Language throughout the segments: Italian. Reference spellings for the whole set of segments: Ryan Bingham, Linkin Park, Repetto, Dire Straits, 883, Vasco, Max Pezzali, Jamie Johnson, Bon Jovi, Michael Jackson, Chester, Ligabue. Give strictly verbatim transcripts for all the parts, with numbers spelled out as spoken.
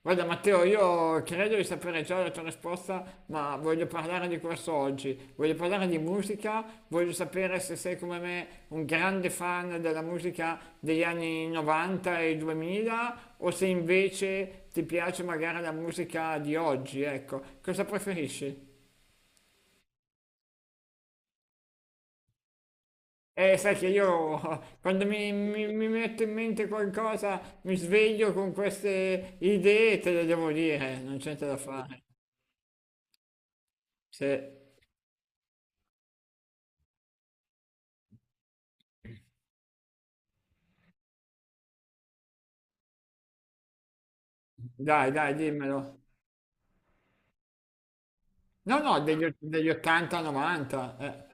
Guarda Matteo, io credo di sapere già la tua risposta, ma voglio parlare di questo oggi. Voglio parlare di musica, voglio sapere se sei come me un grande fan della musica degli anni novanta e duemila o se invece ti piace magari la musica di oggi, ecco. Cosa preferisci? Eh, sai che io quando mi, mi, mi metto in mente qualcosa mi sveglio con queste idee, te le devo dire, non c'è niente da fare. Se... Dai, dai, dimmelo. No, no, degli, o- degli ottanta, novanta. Eh.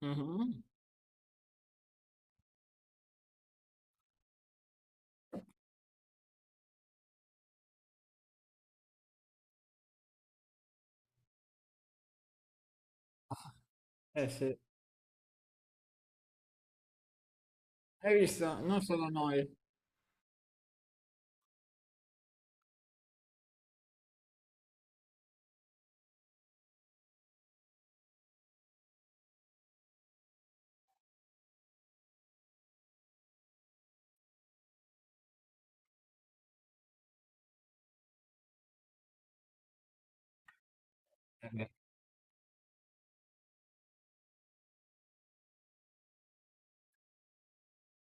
Mhm. Eh sì, hai visto? Non solo noi.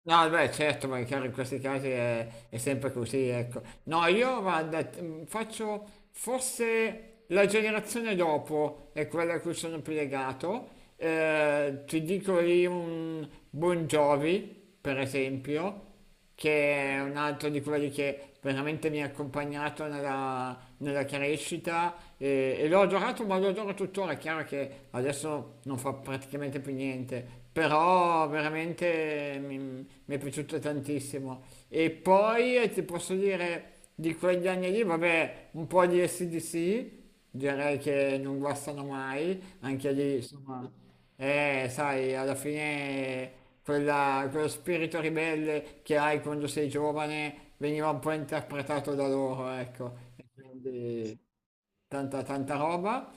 No, beh, certo, ma è chiaro, in questi casi è, è sempre così, ecco. No, io guarda, t- mh, faccio forse la generazione dopo è quella a cui sono più legato. Eh, ti dico lì un Bon Jovi, per esempio, che è un altro di quelli che veramente mi ha accompagnato nella, nella crescita e, e l'ho adorato, ma lo adoro tuttora. È chiaro che adesso non fa praticamente più niente, però veramente mi, mi è piaciuto tantissimo. E poi eh, ti posso dire di quegli anni lì, vabbè, un po' di S D C direi che non guastano mai, anche lì insomma. Eh, sai, alla fine quella- quello spirito ribelle che hai quando sei giovane veniva un po' interpretato da loro, ecco. E quindi tanta, tanta roba.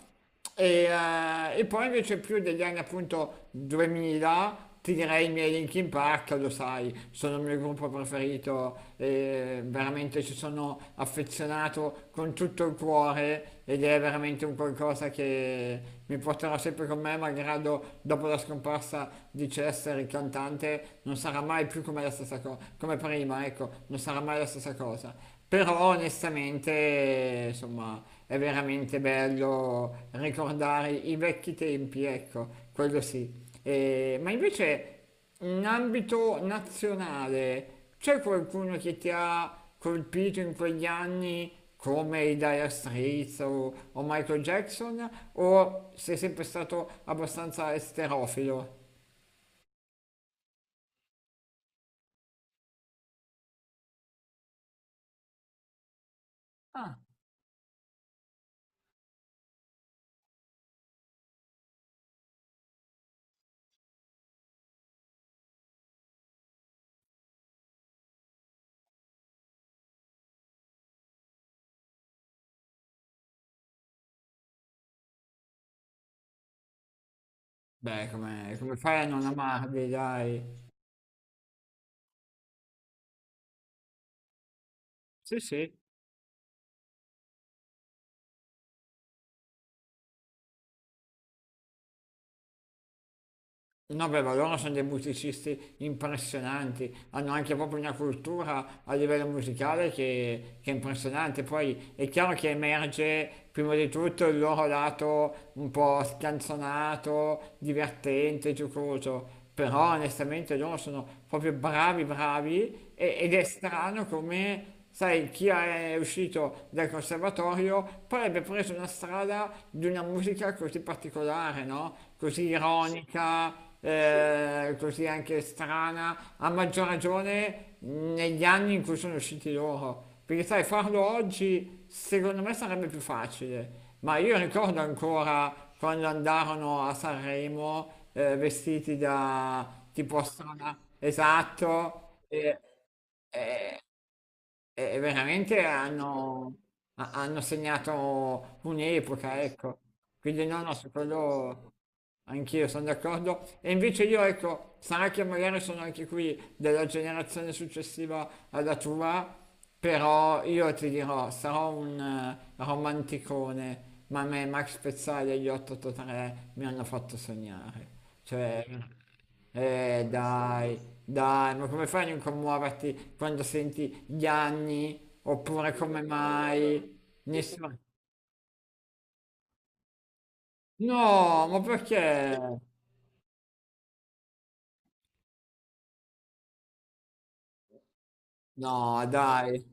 E, eh, e poi invece più degli anni appunto duemila ti direi i miei Linkin Park, lo sai, sono il mio gruppo preferito e veramente ci sono affezionato con tutto il cuore ed è veramente un qualcosa che mi porterò sempre con me, malgrado dopo la scomparsa di Chester, il cantante, non sarà mai più come la stessa cosa, come prima, ecco, non sarà mai la stessa cosa. Però onestamente, insomma, è veramente bello ricordare i vecchi tempi, ecco, quello sì. E- ma invece in ambito nazionale c'è qualcuno che ti ha colpito in quegli anni come i Dire Straits o, o Michael Jackson? O sei sempre stato abbastanza esterofilo? Ah, beh, come, come fai a non amarli, dai? Sì, sì. No, beh, ma loro sono dei musicisti impressionanti, hanno anche proprio una cultura a livello musicale che, che è impressionante. Poi è chiaro che emerge prima di tutto il loro lato un po' scanzonato, divertente, giocoso, però onestamente loro sono proprio bravi, bravi e- ed è strano come... Sai, chi è uscito dal conservatorio poi abbia preso una strada di una musica così particolare, no? Così, sì, ironica, eh, così anche strana, a maggior ragione negli anni in cui sono usciti loro. Perché sai, farlo oggi secondo me sarebbe più facile, ma io ricordo ancora quando andarono a Sanremo eh, vestiti da tipo strana, esatto, e, e- e e veramente hanno, ha- hanno segnato un'epoca, ecco. Quindi no, no, su quello anch'io sono d'accordo. E invece io, ecco, sarà che magari sono anche qui della generazione successiva alla tua, però io ti dirò, sarò un eh, romanticone, ma a me Max Pezzali e gli otto otto tre mi hanno fatto sognare. Cioè, eh dai, dai, ma come fai a non commuoverti quando senti gli anni? Oppure come mai? Nessuno. No, ma perché? No, dai.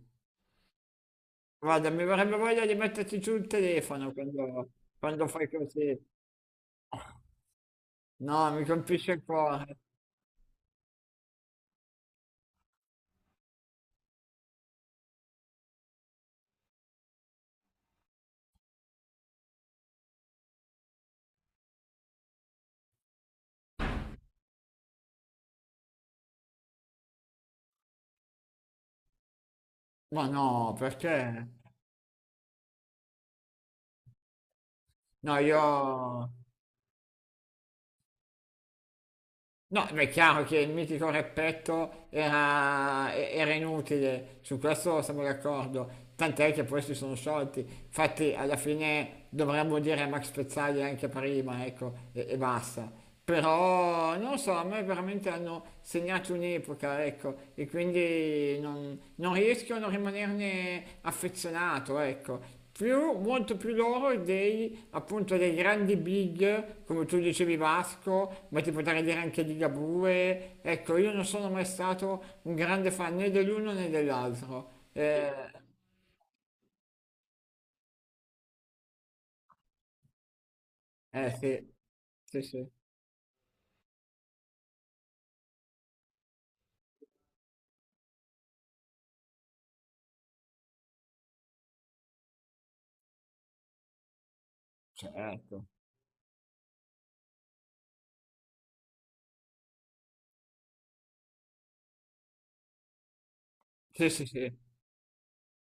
Guarda, mi verrebbe voglia di metterti giù il telefono quando, quando fai così. No, mi colpisce il cuore. Ma no, perché? No, io. No, ma è chiaro che il mitico Repetto era, e- era inutile, su questo siamo d'accordo, tant'è che poi si sono sciolti, infatti alla fine dovremmo dire a Max Pezzali anche prima, ecco, e, e basta. Però non lo so, a me veramente hanno segnato un'epoca, ecco, e quindi non, non riesco a non rimanerne affezionato, ecco. Più, molto più loro dei, appunto, dei grandi big, come tu dicevi Vasco, ma ti potrei dire anche di Ligabue. Ecco, io non sono mai stato un grande fan né dell'uno né dell'altro. Eh, eh sì, sì, sì, certo. Sì, sì, sì.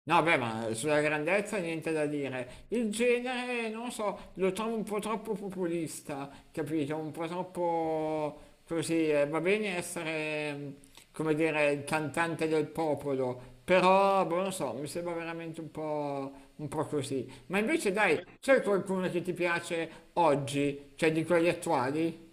No, beh, ma sulla grandezza niente da dire. Il genere, non so, lo trovo un po' troppo populista, capito? Un po' troppo così. eh, Va bene essere, mm, come dire, il cantante del popolo, però, boh, non so, mi sembra veramente un po', un po' così. Ma invece, dai, c'è qualcuno che ti piace oggi, cioè di quelli attuali?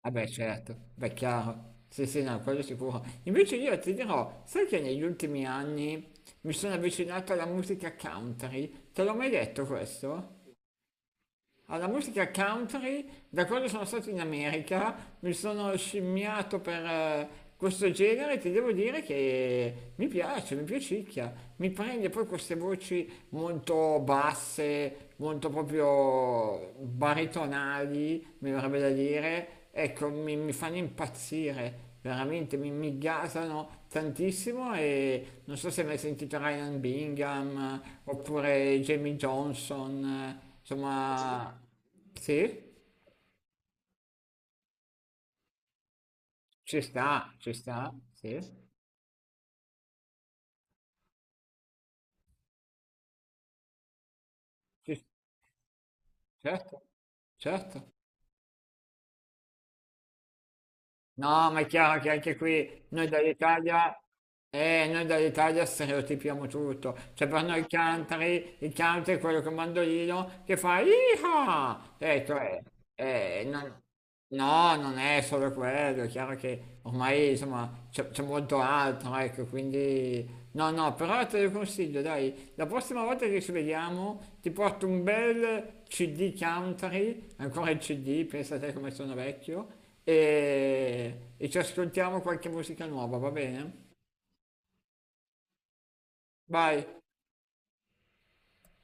Vabbè, certo, beh, chiaro. Sì, sì, no, quello sicuro. Invece io ti dirò, sai che negli ultimi anni mi sono avvicinato alla musica country? Te l'ho mai detto questo? Alla musica country, da quando sono stato in America, mi sono scimmiato per eh, questo genere e ti devo dire che mi piace, mi piacicchia. Mi prende poi queste voci molto basse, molto proprio baritonali, mi verrebbe da dire. Ecco, mi, mi fanno impazzire, veramente, mi, mi gasano tantissimo e non so se hai mai sentito Ryan Bingham eh, oppure Jamie Johnson. eh, Insomma, sì, ci sta, ci sta, sì, ci- certo, certo. No, ma è chiaro che anche qui noi dall'Italia, eh, noi dall'Italia stereotipiamo tutto. Cioè per noi il country, il country è quello con mandolino che fa Iha! Ecco, eh, cioè, eh, non- no, non è solo quello, è chiaro che ormai insomma c'è c'è molto altro, ecco, quindi... No, no, però te lo consiglio, dai, la prossima volta che ci vediamo ti porto un bel C D country, ancora il C D, pensate come sono vecchio, e, e ci ascoltiamo qualche musica nuova, va bene? Vai,